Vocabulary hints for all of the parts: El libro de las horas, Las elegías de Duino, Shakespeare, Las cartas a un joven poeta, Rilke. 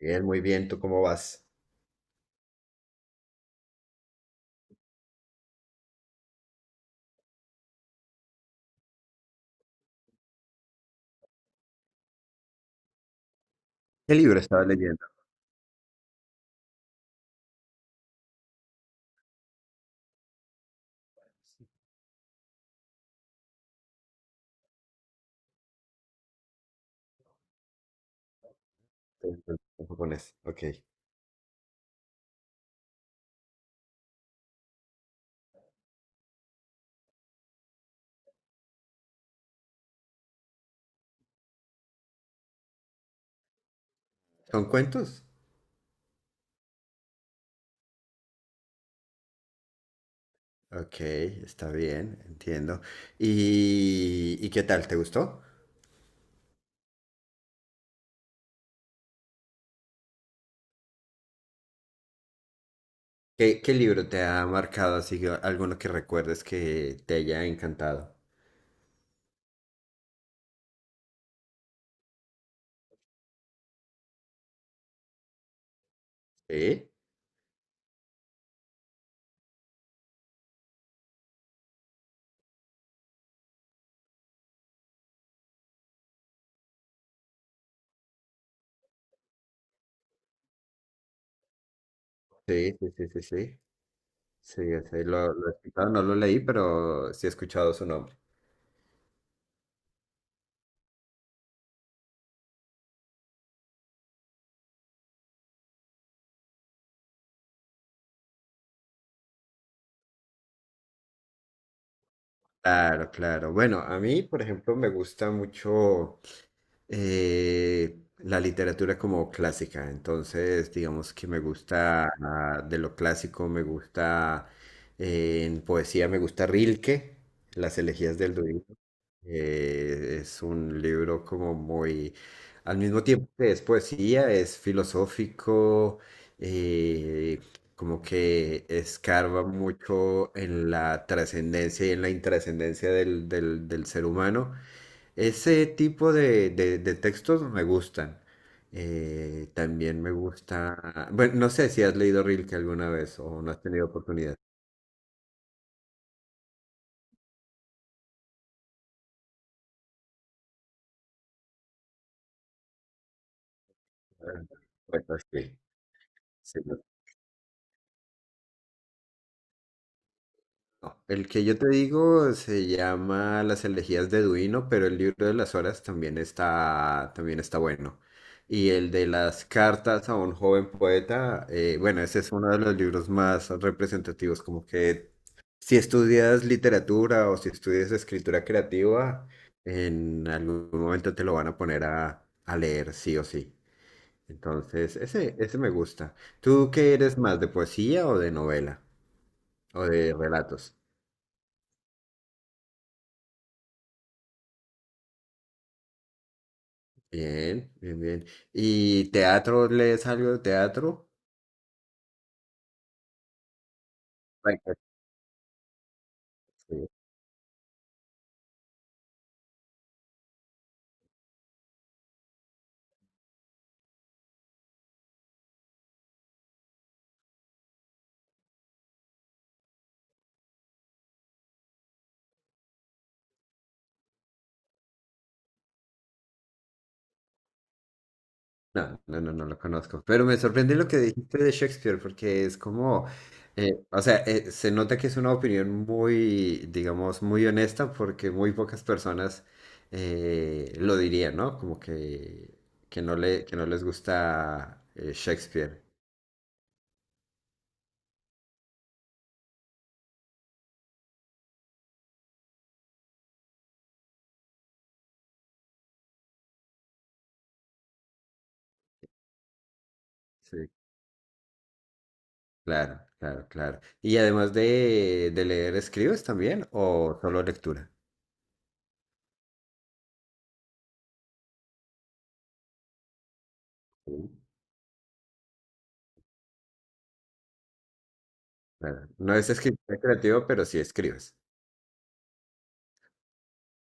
Bien, muy bien. ¿Tú cómo vas? ¿Qué libro estabas leyendo? En japonés. Ok. ¿Son cuentos? Ok, está bien, entiendo. ¿Y qué tal? ¿Te gustó? ¿Qué libro te ha marcado así, alguno que recuerdes que te haya encantado? Sí, sí, sí, sí, sí, sí. Sí, ese lo he escuchado, no lo leí, pero sí he escuchado su nombre. Claro, claro. Bueno, a mí, por ejemplo, me gusta mucho la literatura como clásica. Entonces, digamos que me gusta de lo clásico, me gusta en poesía, me gusta Rilke, las elegías del Duino. Es un libro como muy, al mismo tiempo que es poesía, es filosófico, eh, como que escarba mucho en la trascendencia y en la intrascendencia del ser humano. Ese tipo de, de textos me gustan. También me gusta, bueno, no sé si has leído Rilke alguna vez o no has tenido oportunidad. Bueno, sí, sí. No, el que yo te digo se llama Las elegías de Duino, pero el libro de las horas también está bueno. Y el de las cartas a un joven poeta, bueno, ese es uno de los libros más representativos, como que si estudias literatura o si estudias escritura creativa, en algún momento te lo van a poner a leer, sí o sí. Entonces, ese me gusta. ¿Tú qué eres más, de poesía o de novela o de relatos? Bien, bien, bien. ¿Y teatro, lees algo de teatro? Ay, pues, sí. No, no, no, no lo conozco. Pero me sorprende lo que dijiste de Shakespeare, porque es como, o sea, se nota que es una opinión muy, digamos, muy honesta, porque muy pocas personas lo dirían, ¿no? Como que, que no les gusta Shakespeare. Sí. Claro, claro, claro. Y además de leer, ¿escribes también o solo lectura? Sí. Ah, no es escritor creativo, pero sí escribes.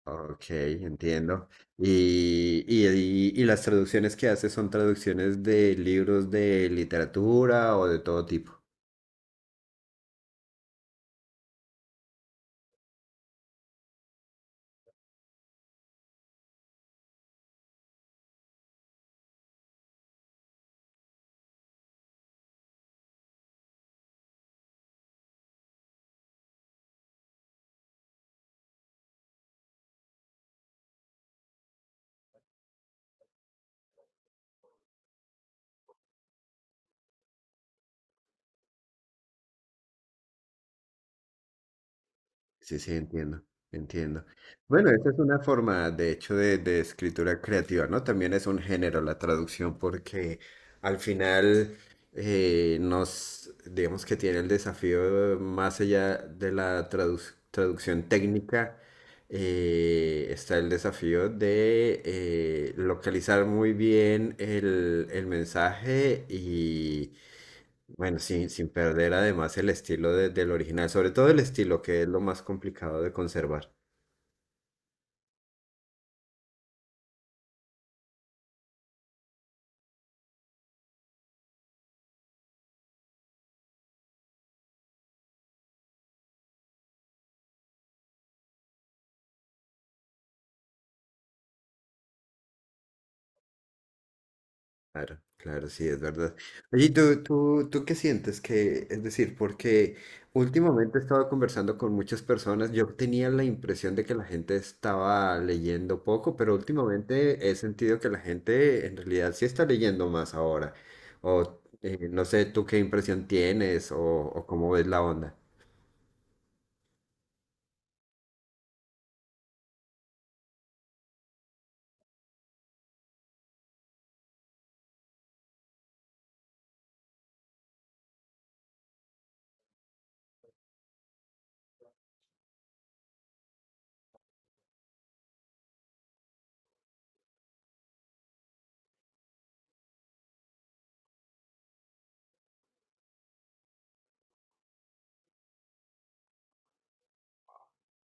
Ok, entiendo. Y las traducciones que haces son traducciones de libros de literatura o de todo tipo. Sí, sí, entiendo, entiendo. Bueno, esa es una forma, de hecho, de escritura creativa, ¿no? También es un género la traducción porque al final nos, digamos que tiene el desafío más allá de la traducción técnica, está el desafío de localizar muy bien el mensaje y bueno, sí, sin perder además el estilo del original, sobre todo el estilo, que es lo más complicado de conservar. Claro, claro, sí, es verdad. Oye, ¿y tú qué sientes que, es decir, porque últimamente he estado conversando con muchas personas, yo tenía la impresión de que la gente estaba leyendo poco, pero últimamente he sentido que la gente en realidad sí está leyendo más ahora. O no sé, ¿tú qué impresión tienes o cómo ves la onda?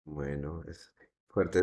Bueno, es fuerte.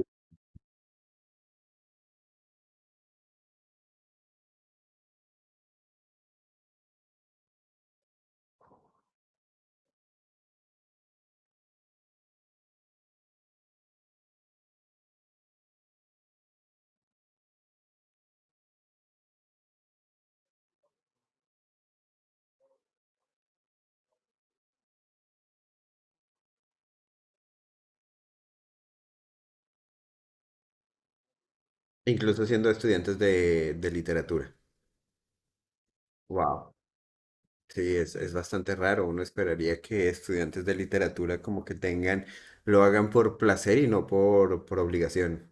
Incluso siendo estudiantes de literatura. Wow. Sí, es bastante raro. Uno esperaría que estudiantes de literatura como que tengan, lo hagan por placer y no por, por obligación.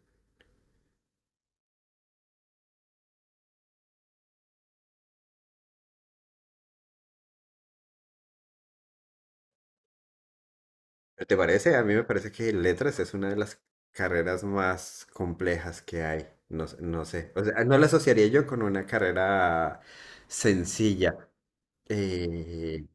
¿Te parece? A mí me parece que letras es una de las carreras más complejas que hay. No sé. O sea, no la asociaría yo con una carrera sencilla. Eh,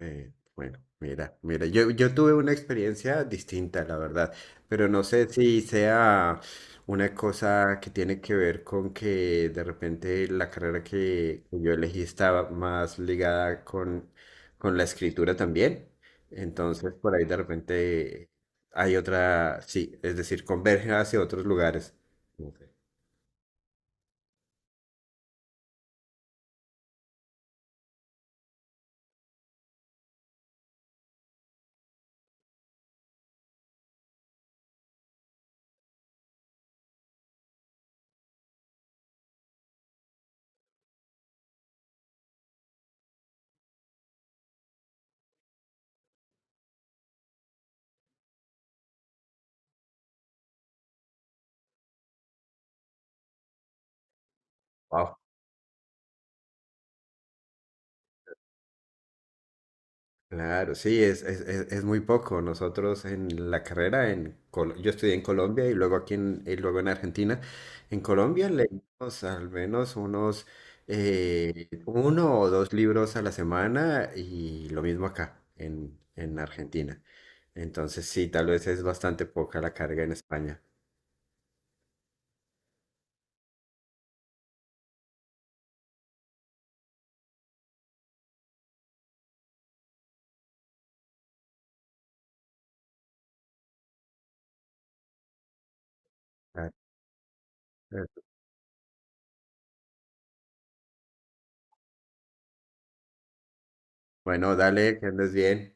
Eh, bueno, mira, mira, yo tuve una experiencia distinta, la verdad, pero no sé si sea una cosa que tiene que ver con que de repente la carrera que yo elegí estaba más ligada con la escritura también. Entonces, por ahí de repente hay otra, sí, es decir, converge hacia otros lugares. No sé. Claro, sí, es muy poco. Nosotros en la carrera, en yo estudié en Colombia y luego aquí en, y luego en Argentina. En Colombia leímos al menos unos uno o dos libros a la semana y lo mismo acá en Argentina. Entonces sí, tal vez es bastante poca la carga en España. Ah, eh, Bueno, dale, que andes bien.